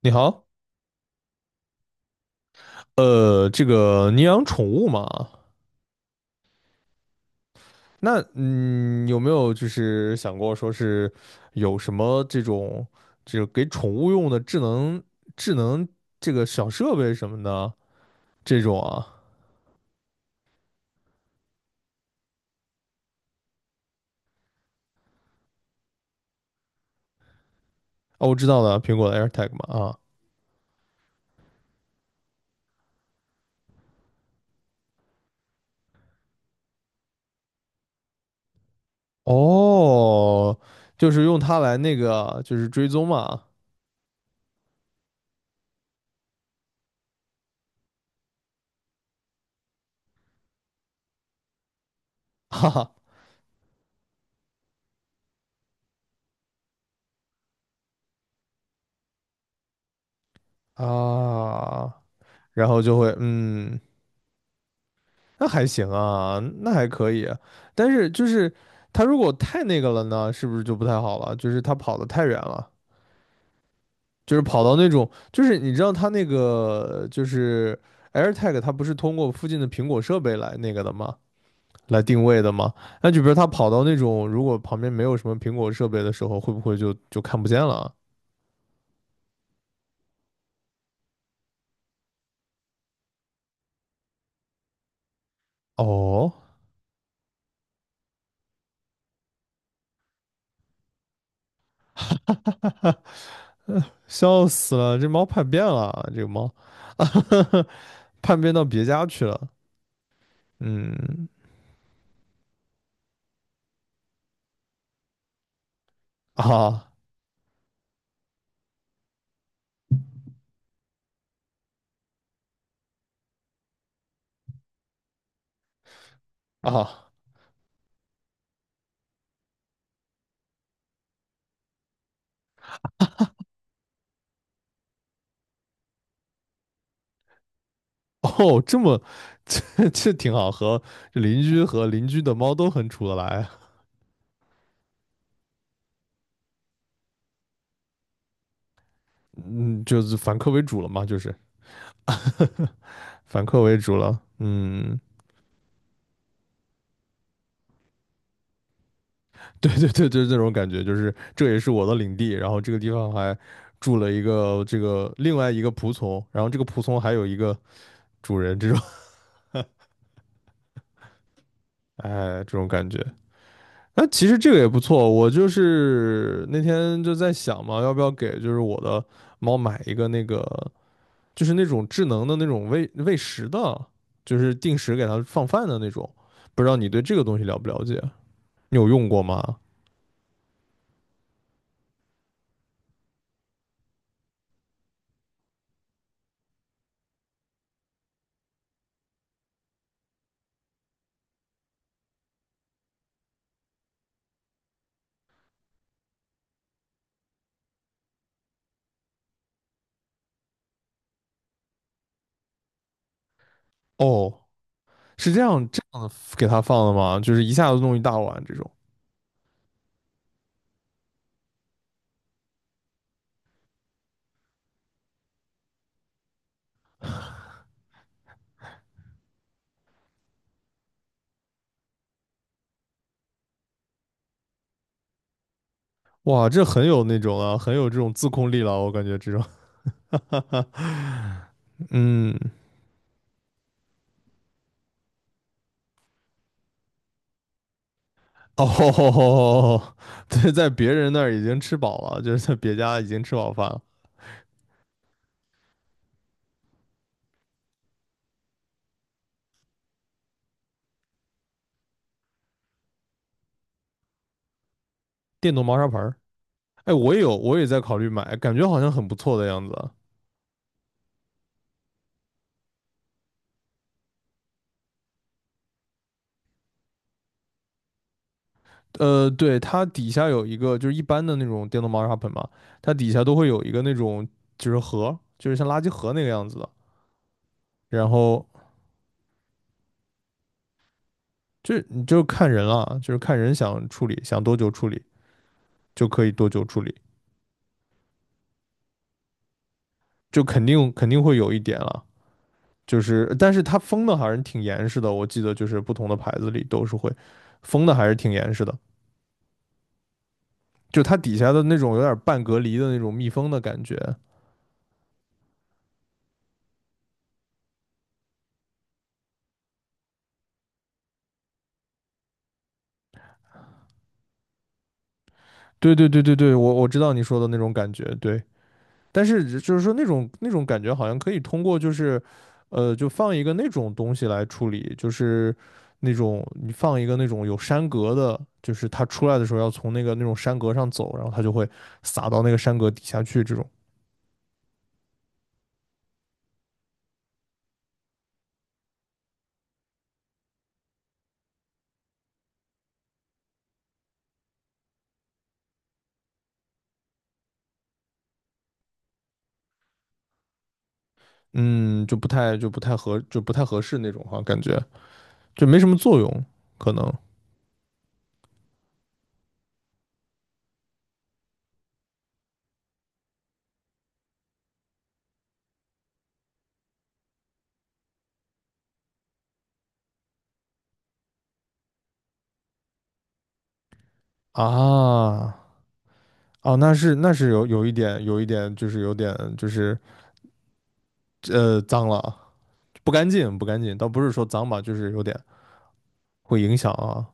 你好，这个你养宠物嘛？那有没有就是想过说是有什么这种就是给宠物用的智能这个小设备什么的这种啊？哦，我知道了，苹果的 AirTag 嘛啊。哦，就是用它来那个就是追踪嘛。哈哈啊，然后就会嗯。那还行啊，那还可以。但是就是他如果太那个了呢，是不是就不太好了？就是他跑得太远了，就是跑到那种，就是你知道他那个就是 AirTag，它不是通过附近的苹果设备来那个的吗？来定位的吗？那就比如他跑到那种如果旁边没有什么苹果设备的时候，会不会就看不见了啊？哦。哎，笑死了，这猫叛变了，这个猫，叛变到别家去了。嗯，啊。啊，哦，这么 这挺好，和这邻居和邻居的猫都很处得来啊。嗯，就是反客为主了嘛，就是 反客为主了。嗯，对对对，就是这种感觉，就是这也是我的领地，然后这个地方还住了一个这个另外一个仆从，然后这个仆从还有一个主人，这种 哎这种感觉。那其实这个也不错，我就是那天就在想嘛，要不要给就是我的猫买一个那个。就是那种智能的那种喂食的，就是定时给它放饭的那种。不知道你对这个东西了不了解？你有用过吗？哦，是这样给它放的吗？就是一下子弄一大碗这种。哇，这很有那种啊，很有这种自控力了，我感觉这种。嗯，哦，对，在别人那儿已经吃饱了，就是在别家已经吃饱饭了。电动猫砂盆儿，哎，我也有，我也在考虑买，感觉好像很不错的样子啊。对，它底下有一个，就是一般的那种电动猫砂盆嘛，它底下都会有一个那种就是盒，就是像垃圾盒那个样子的。然后就你就看人了，就是看人想处理，想多久处理就可以多久处理。就肯定会有一点了。就是，但是它封的还是挺严实的，我记得就是不同的牌子里都是会封的，还是挺严实的。就它底下的那种有点半隔离的那种密封的感觉。对对对对对，我知道你说的那种感觉，对。但是就是说那种那种感觉好像可以通过就是，就放一个那种东西来处理，就是那种你放一个那种有山格的，就是它出来的时候要从那个那种山格上走，然后它就会撒到那个山格底下去，这种。嗯，就不太合适那种哈、感觉就没什么作用，可能啊。哦，那是那是有一点就是脏了，啊不干净，倒不是说脏吧，就是有点会影响啊。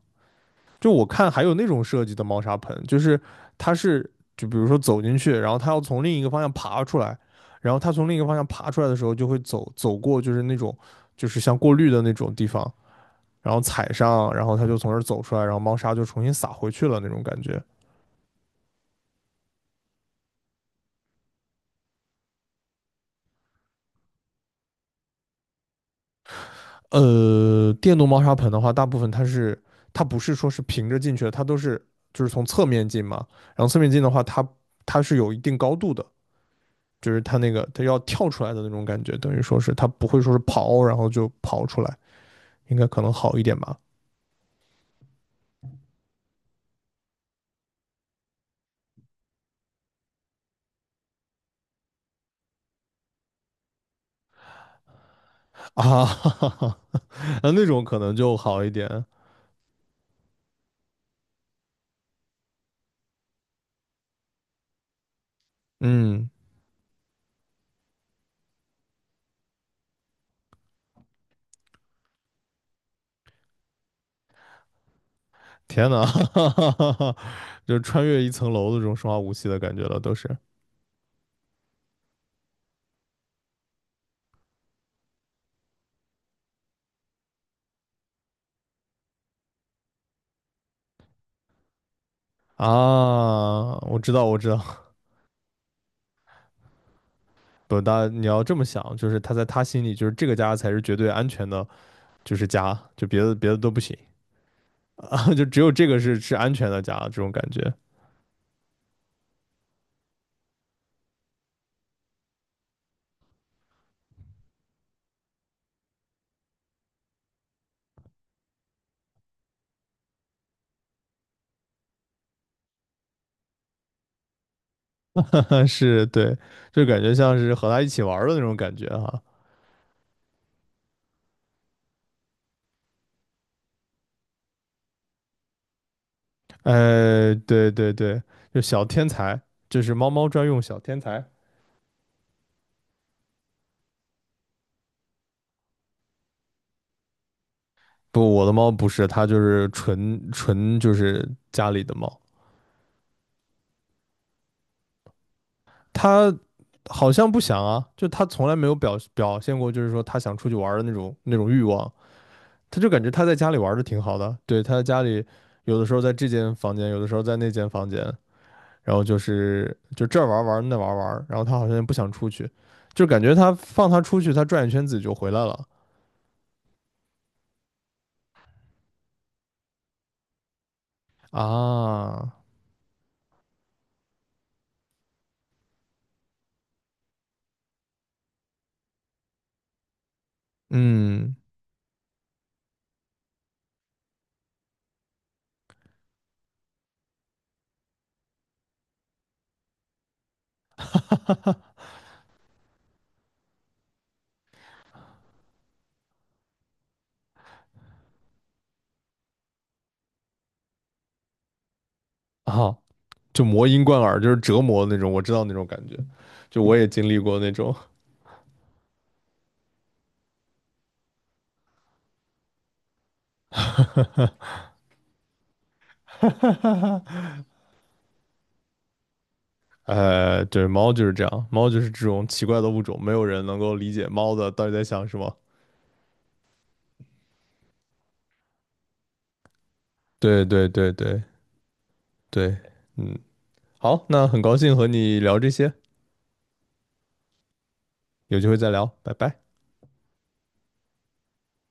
就我看还有那种设计的猫砂盆，就是它是就比如说走进去，然后它要从另一个方向爬出来，然后它从另一个方向爬出来的时候，就会走过就是那种就是像过滤的那种地方，然后踩上，然后它就从这儿走出来，然后猫砂就重新撒回去了那种感觉。电动猫砂盆的话，大部分它不是说是平着进去的，它都是就是从侧面进嘛，然后侧面进的话，它是有一定高度的，就是他那个他要跳出来的那种感觉，等于说是他不会说是跑，然后就跑出来，应该可能好一点吧？啊，哈哈哈啊那种可能就好一点。嗯，天呐，哈哈哈哈，就穿越一层楼的这种生化武器的感觉了，都是啊。我知道，我知道，不，大你要这么想，就是他在他心里，就是这个家才是绝对安全的，就是家，就别的都不行啊，就只有这个是安全的家，这种感觉。但是对，就感觉像是和他一起玩儿的那种感觉哈。呃，对对对，就小天才，就是猫猫专用小天才。不，我的猫不是，它就是纯纯就是家里的猫。它好像不想啊，就它从来没有表现过，就是说它想出去玩儿的那种那种欲望。它就感觉它在家里玩的挺好的，对，它在家里有的时候在这间房间，有的时候在那间房间，然后就是就这儿玩玩那玩玩，然后他好像也不想出去，就感觉他放他出去，他转一圈自己就回来了啊。嗯啊，就魔音贯耳，就是折磨那种，我知道那种感觉，就我也经历过那种。对，猫就是这样，猫就是这种奇怪的物种，没有人能够理解猫的到底在想什么。对对对对对，嗯，好，那很高兴和你聊这些，有机会再聊，拜拜。